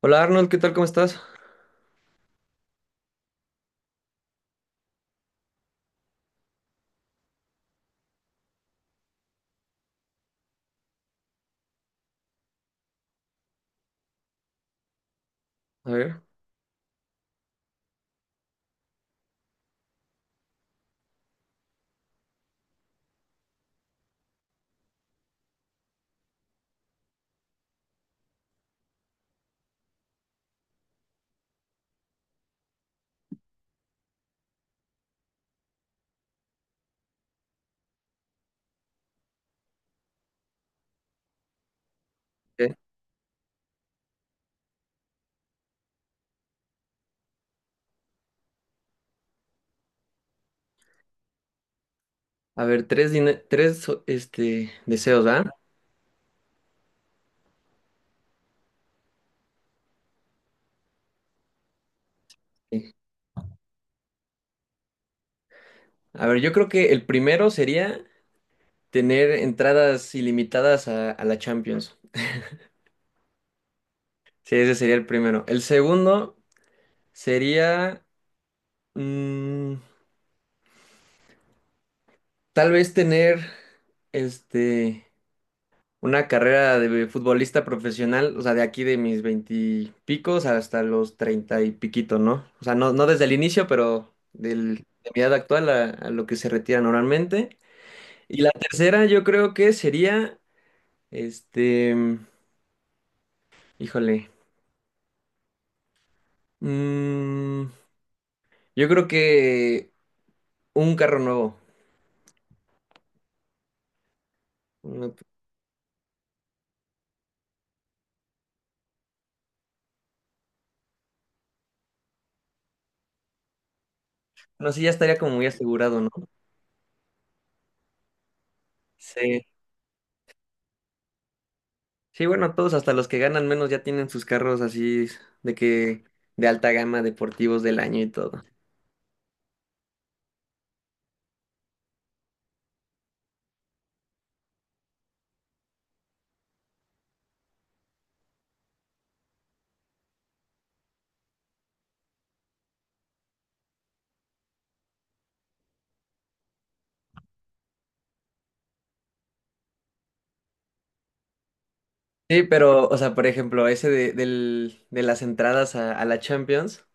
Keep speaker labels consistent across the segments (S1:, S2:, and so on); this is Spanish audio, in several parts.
S1: Hola Arnold, ¿qué tal? ¿Cómo estás? A ver, ¿qué? A ver, tres, deseos, ¿ah? Sí. A ver, yo creo que el primero sería tener entradas ilimitadas a la Champions. Sí, ese sería el primero. El segundo sería mm, tal vez tener este Una carrera de futbolista profesional, o sea, de aquí de mis veintipicos hasta los treinta y piquito, ¿no? O sea, no, no desde el inicio, pero de mi edad actual a lo que se retira normalmente. Y la tercera yo creo que sería, este, híjole, mm, yo creo que un carro nuevo. No, no sé, ya estaría como muy asegurado, ¿no? Sí. Sí, bueno, todos, hasta los que ganan menos ya tienen sus carros así de que de alta gama, deportivos del año y todo. Sí, pero, o sea, por ejemplo, ese de las entradas a la Champions,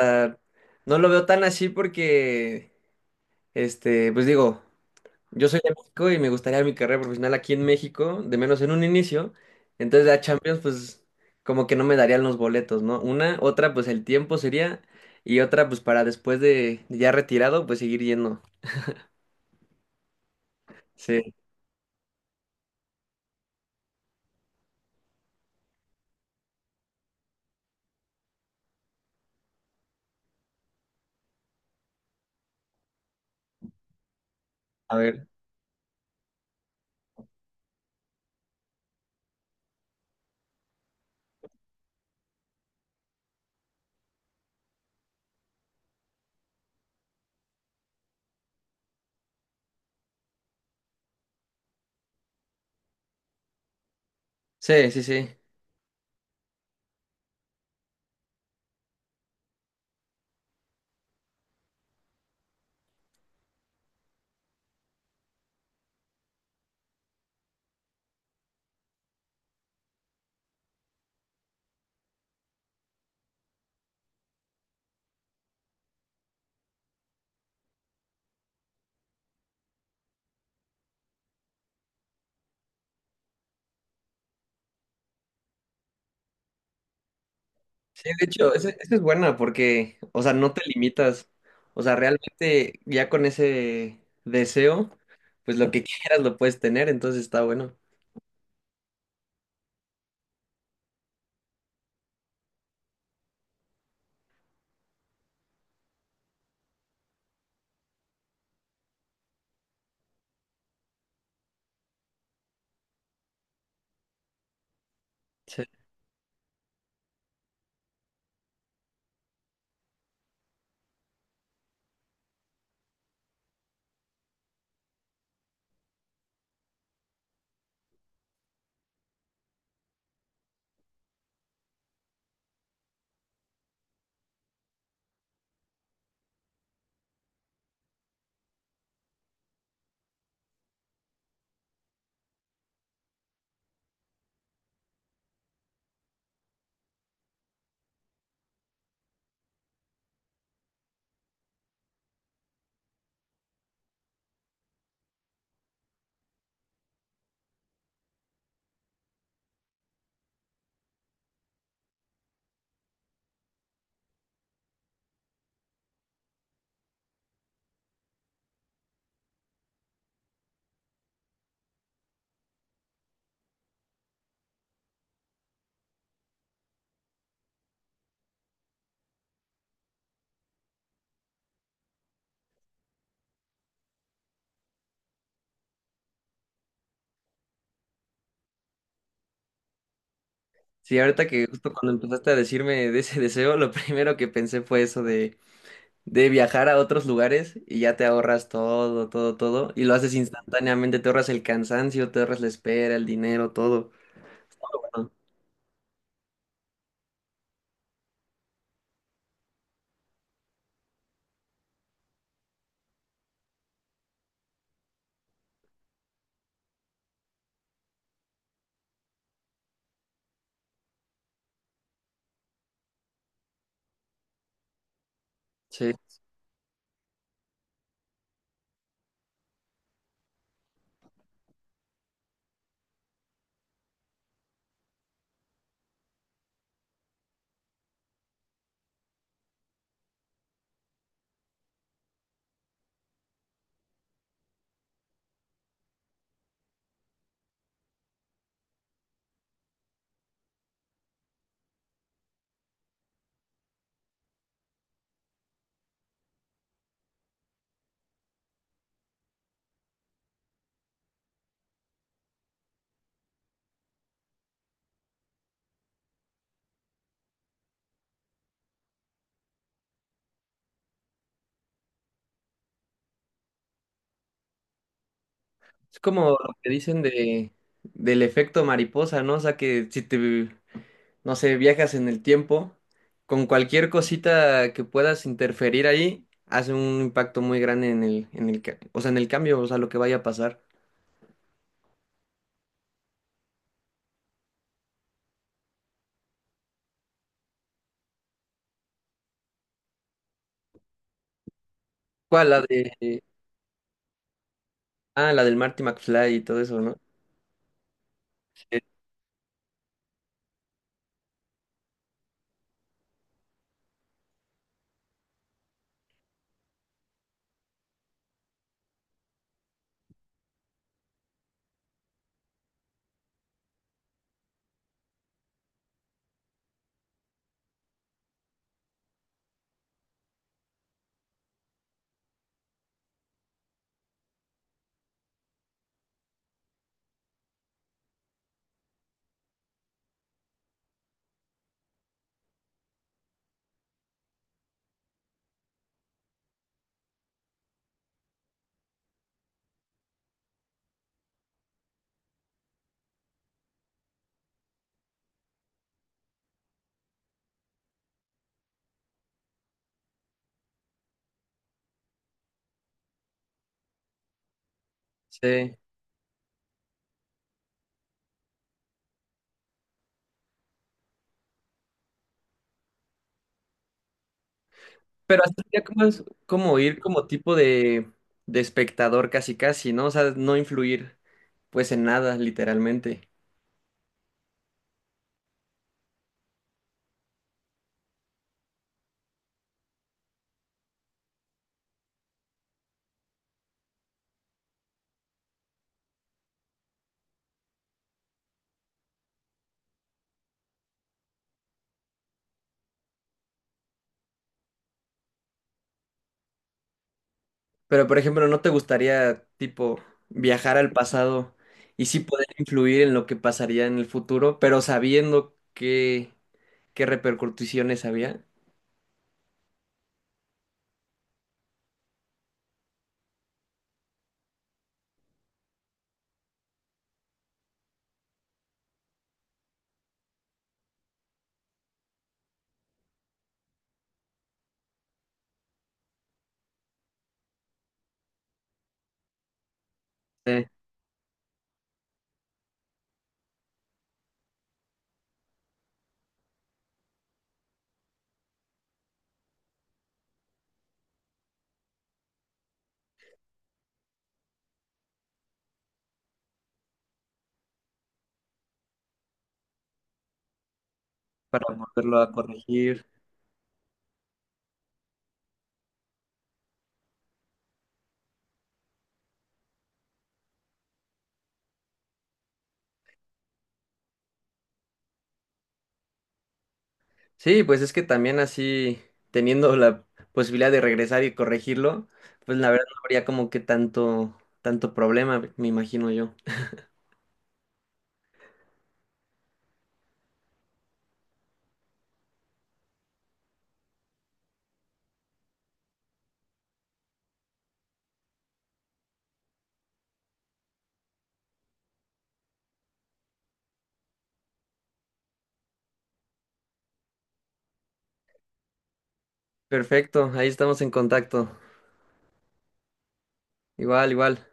S1: ah, no lo veo tan así porque, pues digo, yo soy de México y me gustaría mi carrera profesional aquí en México, de menos en un inicio, entonces la Champions, pues, como que no me darían los boletos, ¿no? Una, otra, pues el tiempo sería, y otra, pues para después de ya retirado, pues seguir yendo. Sí, a ver. Sí, sí, sí. Sí, de hecho, esa es buena porque, o sea, no te limitas. O sea, realmente ya con ese deseo, pues lo que quieras lo puedes tener, entonces está bueno. Sí, sí, ahorita que justo cuando empezaste a decirme de ese deseo, lo primero que pensé fue eso de viajar a otros lugares y ya te ahorras todo, todo, todo, y lo haces instantáneamente, te ahorras el cansancio, te ahorras la espera, el dinero, todo. Bueno, sí, es como lo que dicen del efecto mariposa, ¿no? O sea, que si te no sé, viajas en el tiempo, con cualquier cosita que puedas interferir ahí, hace un impacto muy grande o sea, en el cambio, o sea, lo que vaya a pasar. ¿Cuál? La de, ah, la del Marty McFly y todo eso, ¿no? Sí. Sí. Pero hasta sería como ir como tipo de espectador casi casi, ¿no? O sea, no influir pues en nada, literalmente. Pero, por ejemplo, ¿no te gustaría, tipo, viajar al pasado y sí poder influir en lo que pasaría en el futuro, pero sabiendo qué repercusiones había? Sí, para volverlo a corregir. Sí, pues es que también así, teniendo la posibilidad de regresar y corregirlo, pues la verdad no habría como que tanto, tanto problema, me imagino yo. Perfecto, ahí estamos en contacto. Igual, igual.